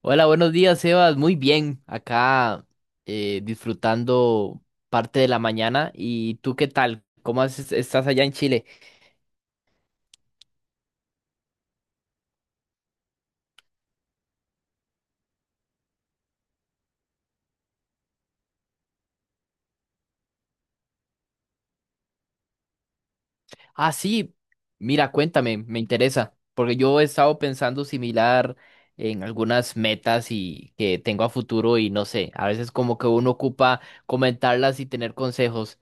Hola, buenos días, Sebas. Muy bien, acá disfrutando parte de la mañana. ¿Y tú qué tal? ¿Cómo estás allá en Chile? Ah, sí, mira, cuéntame, me interesa, porque yo he estado pensando similar en algunas metas y que tengo a futuro y no sé, a veces como que uno ocupa comentarlas y tener consejos.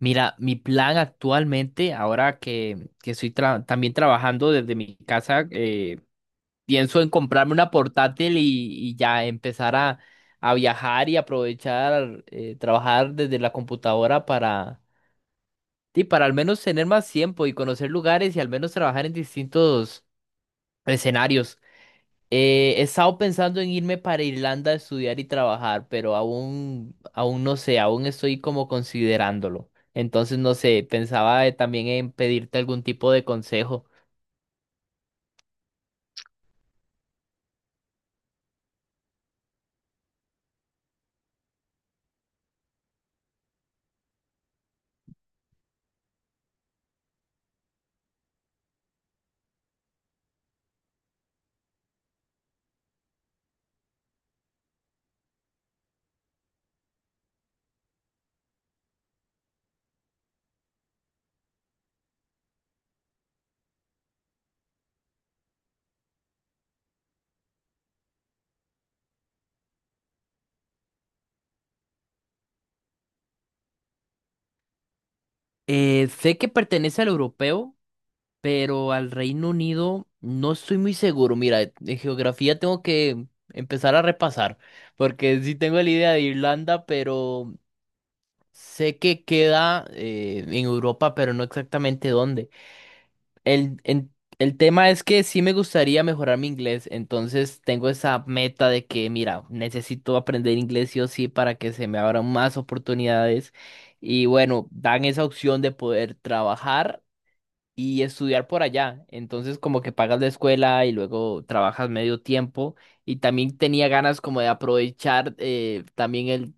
Mira, mi plan actualmente, ahora que estoy también trabajando desde mi casa, pienso en comprarme una portátil y ya empezar a viajar y aprovechar, trabajar desde la computadora para, sí, para al menos tener más tiempo y conocer lugares y al menos trabajar en distintos escenarios. He estado pensando en irme para Irlanda a estudiar y trabajar, pero aún no sé, aún estoy como considerándolo. Entonces, no sé, pensaba también en pedirte algún tipo de consejo. Sé que pertenece al europeo, pero al Reino Unido no estoy muy seguro. Mira, de geografía tengo que empezar a repasar, porque sí tengo la idea de Irlanda, pero sé que queda en Europa, pero no exactamente dónde. El, en- el tema es que sí me gustaría mejorar mi inglés, entonces tengo esa meta de que, mira, necesito aprender inglés sí o sí para que se me abran más oportunidades. Y bueno, dan esa opción de poder trabajar y estudiar por allá. Entonces como que pagas la escuela y luego trabajas medio tiempo. Y también tenía ganas como de aprovechar también el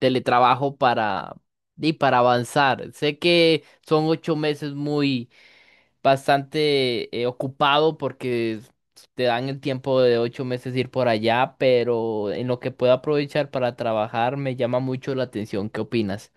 teletrabajo y para avanzar. Sé que son 8 meses muy bastante ocupado porque te dan el tiempo de 8 meses ir por allá, pero en lo que puedo aprovechar para trabajar me llama mucho la atención. ¿Qué opinas?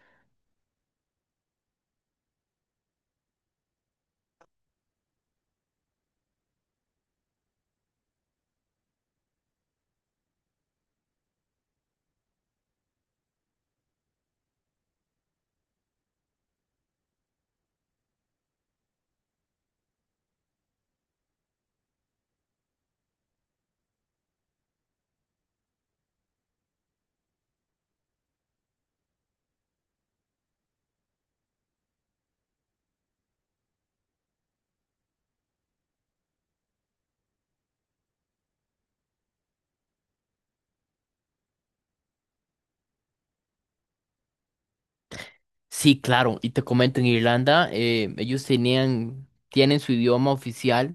Sí, claro, y te comento, en Irlanda ellos tenían, tienen su idioma oficial,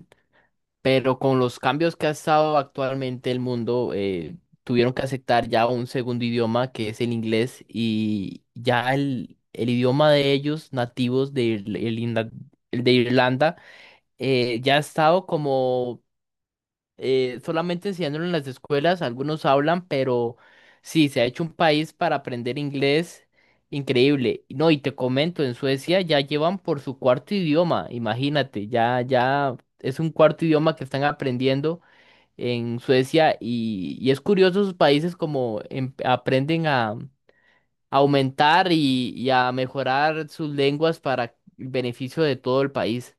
pero con los cambios que ha estado actualmente el mundo, tuvieron que aceptar ya un segundo idioma que es el inglés y ya el idioma de ellos, nativos de, el de Irlanda. Ya ha estado como solamente enseñándolo en las escuelas, algunos hablan, pero sí, se ha hecho un país para aprender inglés increíble. No, y te comento, en Suecia ya llevan por su cuarto idioma, imagínate, ya es un cuarto idioma que están aprendiendo en Suecia y es curioso sus países como aprenden a aumentar y a mejorar sus lenguas para el beneficio de todo el país.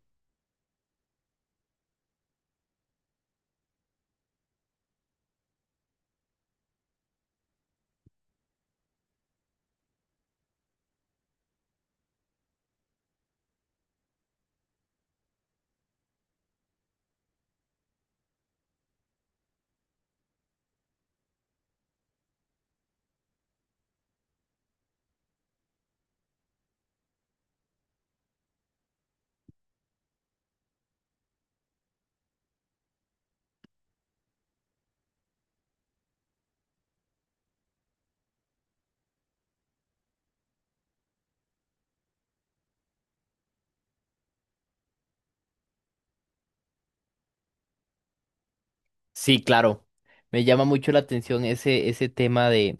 Sí, claro. Me llama mucho la atención ese tema de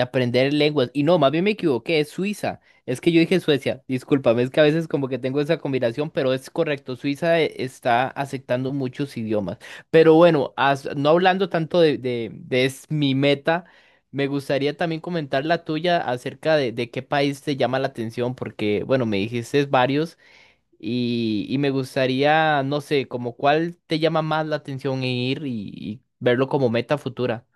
aprender lenguas. Y no, más bien me equivoqué, es Suiza. Es que yo dije Suecia. Discúlpame, es que a veces como que tengo esa combinación, pero es correcto. Suiza está aceptando muchos idiomas. Pero bueno, no hablando tanto de es mi meta, me gustaría también comentar la tuya acerca de qué país te llama la atención, porque bueno, me dijiste varios y me gustaría, no sé, como cuál te llama más la atención en ir y verlo como meta futura.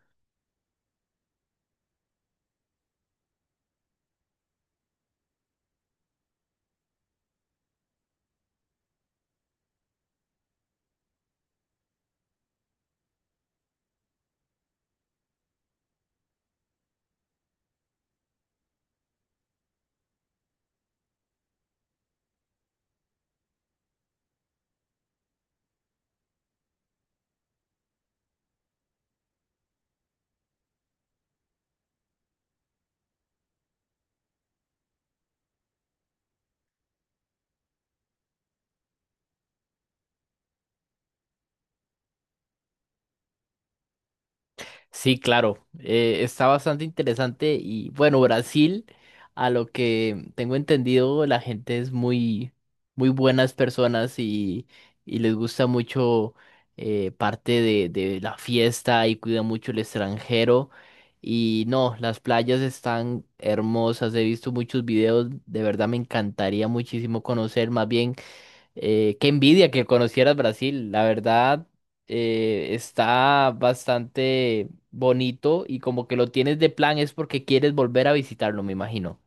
Sí, claro, está bastante interesante y bueno, Brasil, a lo que tengo entendido, la gente es muy, muy buenas personas y les gusta mucho parte de la fiesta y cuida mucho el extranjero y no, las playas están hermosas, he visto muchos videos, de verdad me encantaría muchísimo conocer, más bien qué envidia que conocieras Brasil, la verdad, está bastante bonito y como que lo tienes de plan es porque quieres volver a visitarlo, me imagino.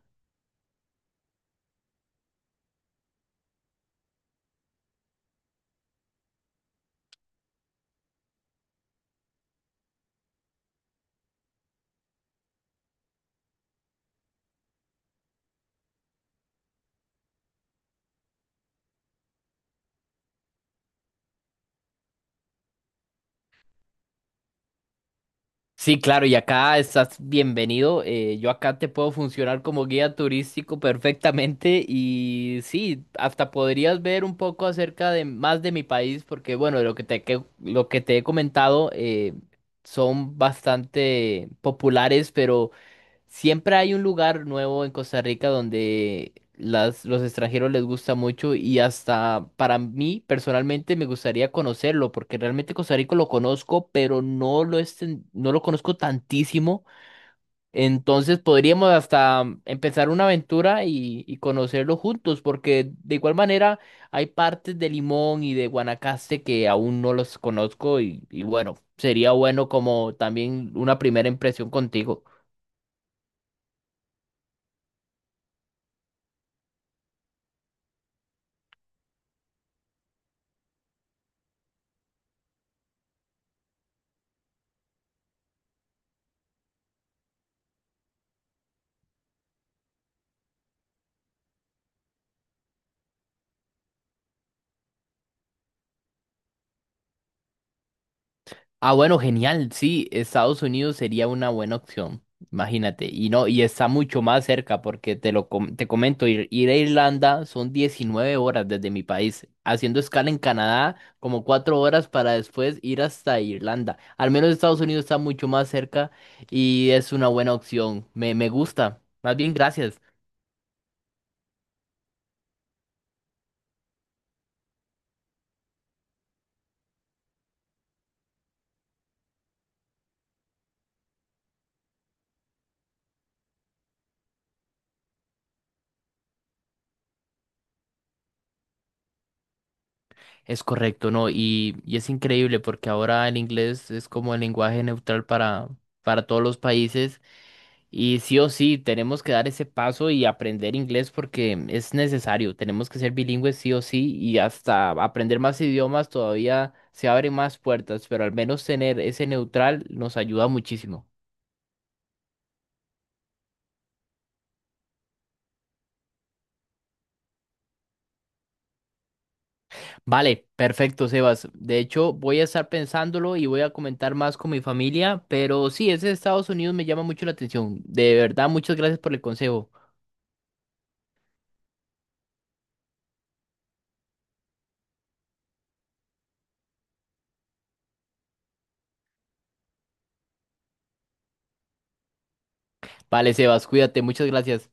Sí, claro, y acá estás bienvenido. Yo acá te puedo funcionar como guía turístico perfectamente y sí, hasta podrías ver un poco acerca de más de mi país porque bueno, de lo que lo que te he comentado son bastante populares, pero siempre hay un lugar nuevo en Costa Rica donde los extranjeros les gusta mucho y hasta para mí personalmente me gustaría conocerlo porque realmente Costa Rica lo conozco, pero no lo, no lo conozco tantísimo. Entonces podríamos hasta empezar una aventura y conocerlo juntos porque de igual manera hay partes de Limón y de Guanacaste que aún no los conozco y bueno, sería bueno como también una primera impresión contigo. Ah, bueno, genial. Sí, Estados Unidos sería una buena opción. Imagínate. Y no, y está mucho más cerca porque te comento, ir a Irlanda son 19 horas desde mi país, haciendo escala en Canadá como 4 horas para después ir hasta Irlanda. Al menos Estados Unidos está mucho más cerca y es una buena opción. Me gusta. Más bien, gracias. Es correcto, ¿no? Y es increíble porque ahora el inglés es como el lenguaje neutral para todos los países. Y sí o sí, tenemos que dar ese paso y aprender inglés porque es necesario. Tenemos que ser bilingües sí o sí y hasta aprender más idiomas todavía se abren más puertas, pero al menos tener ese neutral nos ayuda muchísimo. Vale, perfecto, Sebas. De hecho, voy a estar pensándolo y voy a comentar más con mi familia, pero sí, ese de Estados Unidos me llama mucho la atención. De verdad, muchas gracias por el consejo. Vale, Sebas, cuídate, muchas gracias.